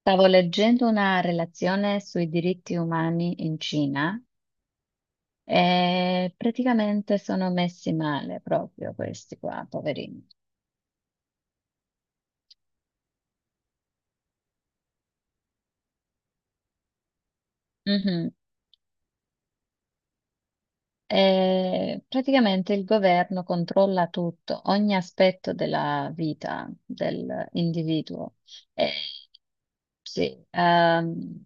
Stavo leggendo una relazione sui diritti umani in Cina e praticamente sono messi male proprio questi qua, poverini. Mhm. E praticamente il governo controlla tutto, ogni aspetto della vita dell'individuo. E sì,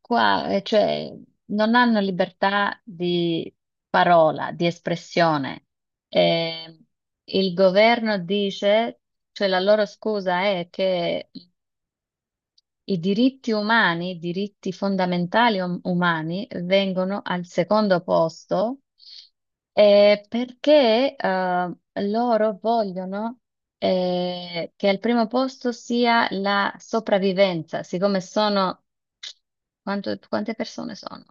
qua, cioè, non hanno libertà di parola, di espressione. Eh, il governo dice, cioè la loro scusa è che i diritti umani, i diritti fondamentali umani vengono al secondo posto, perché loro vogliono che al primo posto sia la sopravvivenza, siccome sono quante persone sono?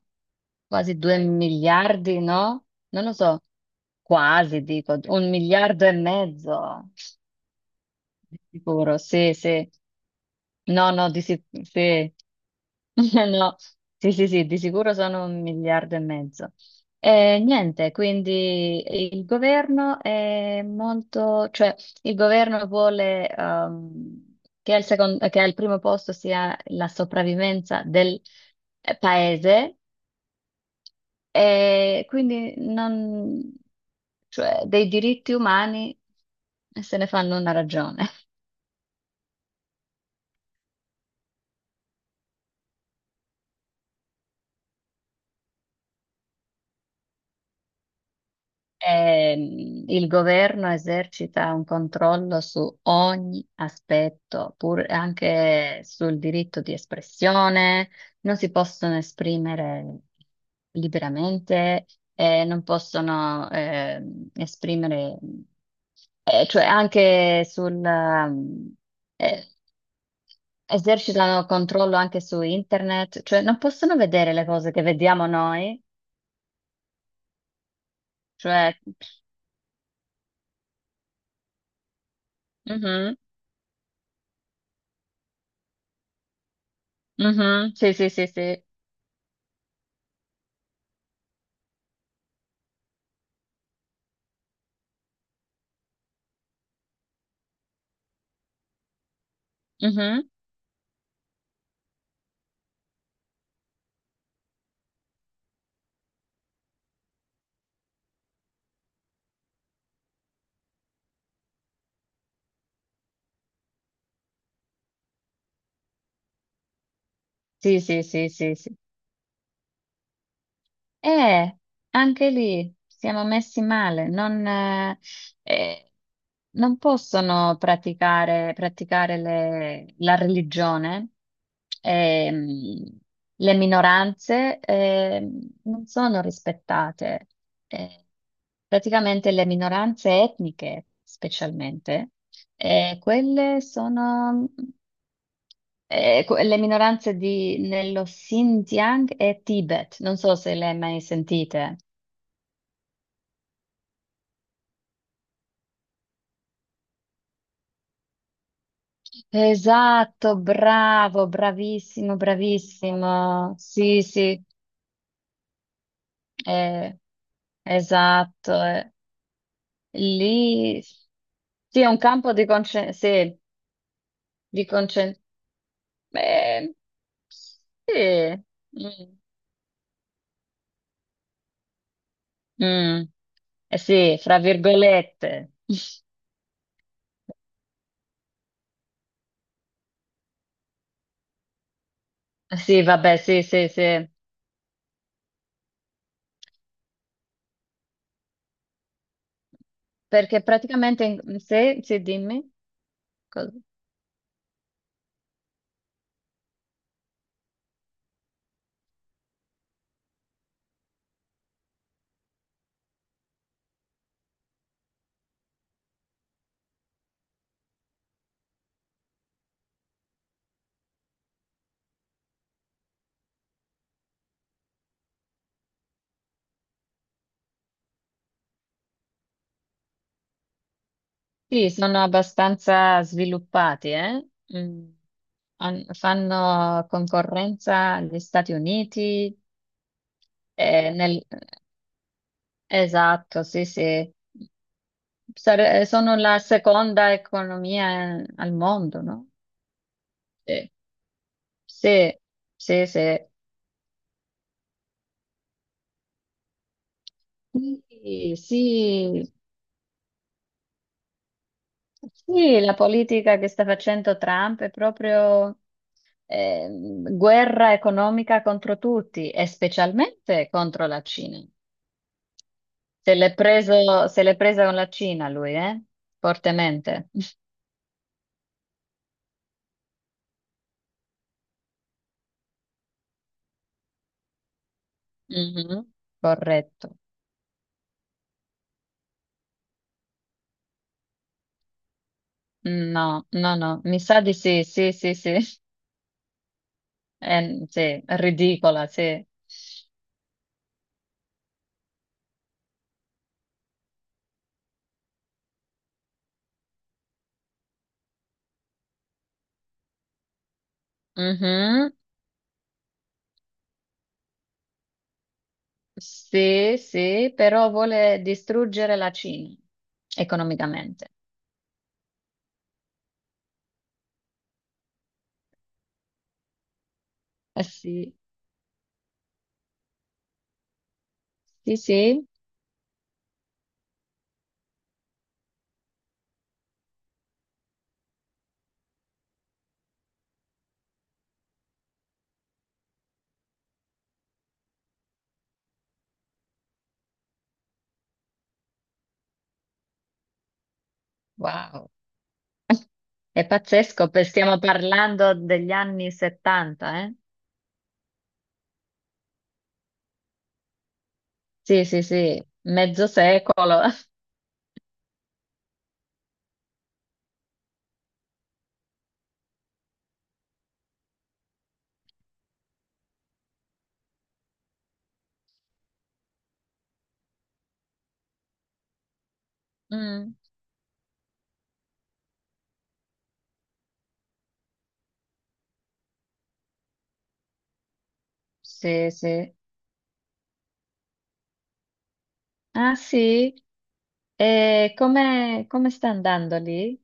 Quasi due miliardi, no? Non lo so, quasi dico, un miliardo e mezzo, di sicuro, sì, sì. No, no, sì. No, sì, sì, sì, di sicuro sono un miliardo e mezzo. E niente, quindi il governo è molto, cioè il governo vuole che che al primo posto sia la sopravvivenza del, paese, e quindi non, cioè, dei diritti umani se ne fanno una ragione. Il governo esercita un controllo su ogni aspetto, pur anche sul diritto di espressione, non si possono esprimere liberamente, non possono esprimere, cioè anche sul, eh, esercitano controllo anche su internet, cioè non possono vedere le cose che vediamo noi, cioè... Mhm, mhm. Sì, sì, sì, sì. Mhm. Sì, sì, sì, sì, sì. Eh, Anche lì siamo messi male, non, eh, non possono praticare la religione, ehm, le minoranze, non sono rispettate. Eh, praticamente le minoranze etniche, specialmente, quelle sono. Le minoranze nello Xinjiang e Tibet, non so se le hai mai sentite. Esatto, bravo, bravissimo, bravissimo. Sì, sì, eh, esatto. Eh. Lì sì, è un campo di concentrazione. Sì, di concen- eh, sì. Mm, mm, eh sì, fra virgolette. Sì, vabbè, sì, sì, sì. Perché praticamente, se, sì, dimmi, cosa... Sì, sono abbastanza sviluppati, eh? Mm. Fanno concorrenza agli Stati Uniti, nel... esatto, sì, sì. Sono la seconda economia al mondo, no? Sì, sì, sì, sì. Sì, sì. Sì, la politica che sta facendo Trump è proprio, guerra economica contro tutti e specialmente contro la Cina. Se l'è preso, se l'è presa con la Cina lui, eh? Fortemente. Mhm. Corretto. No, no, no, mi sa di sì, sì, sì, sì. Sì, ridicola, sì. Mhm. Sì, sì, però vuole distruggere la Cina economicamente. Eh sì. Sì, sì, wow, è pazzesco, stiamo parlando degli anni 70, eh? Sì, sì, sì, mezzo secolo. Mm. Sì, sì. Ah, sì? E come, come sta andando lì?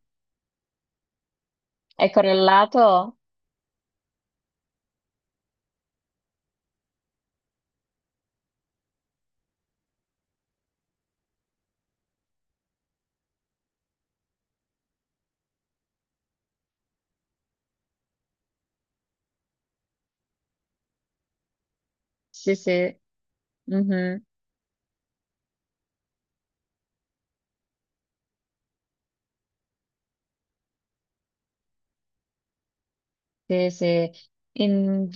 È correlato? Sì, sì. Mhm. Sì, sì. In-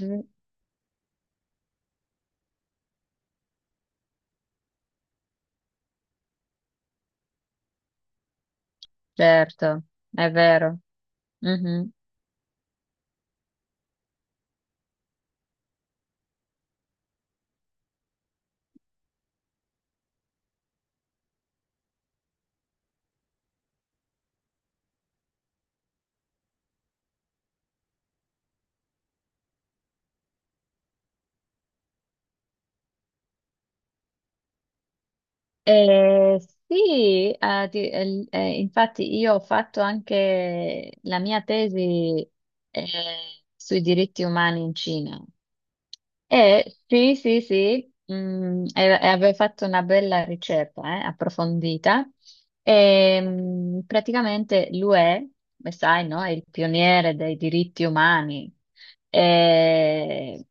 Certo, è vero. Mm-hmm. Eh, sì, infatti io ho fatto anche la mia tesi eh, sui diritti umani in Cina. E sì, sì, sì, mm, e avevo fatto una bella ricerca approfondita. E, mm, praticamente l'UE, come sai, no, è il pioniere dei diritti umani. E,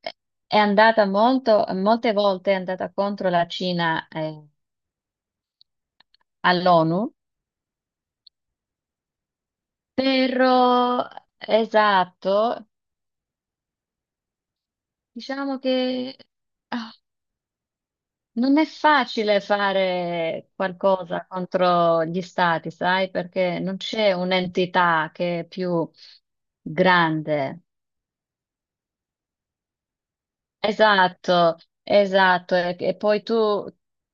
è andata molto, molte volte è andata contro la Cina, all'ONU, però esatto, diciamo che ah, non è facile fare qualcosa contro gli stati, sai, perché non c'è un'entità che è più grande. Esatto, esatto. E poi tu,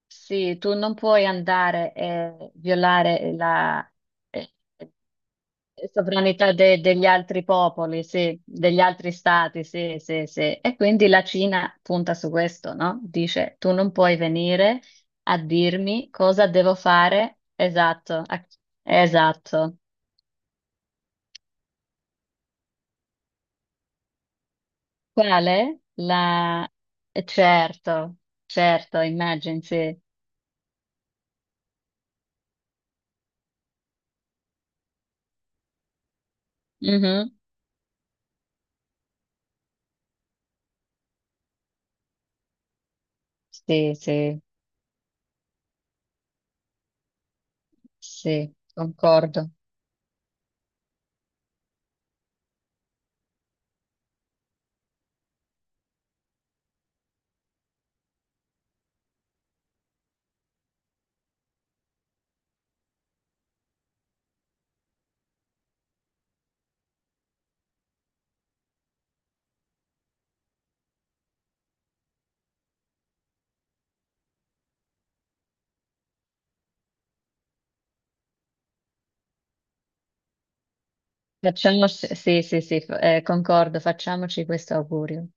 sì, tu non puoi andare e violare la, sovranità degli altri popoli, sì, degli altri stati, sì, sì, sì. E quindi la Cina punta su questo, no? Dice, tu non puoi venire a dirmi cosa devo fare. Esatto, a... esatto. Quale? La... certo, certo, immagini, sì. Sì, sì, sì, concordo. Facciamo, sì, sì, sì, concordo, facciamoci questo augurio.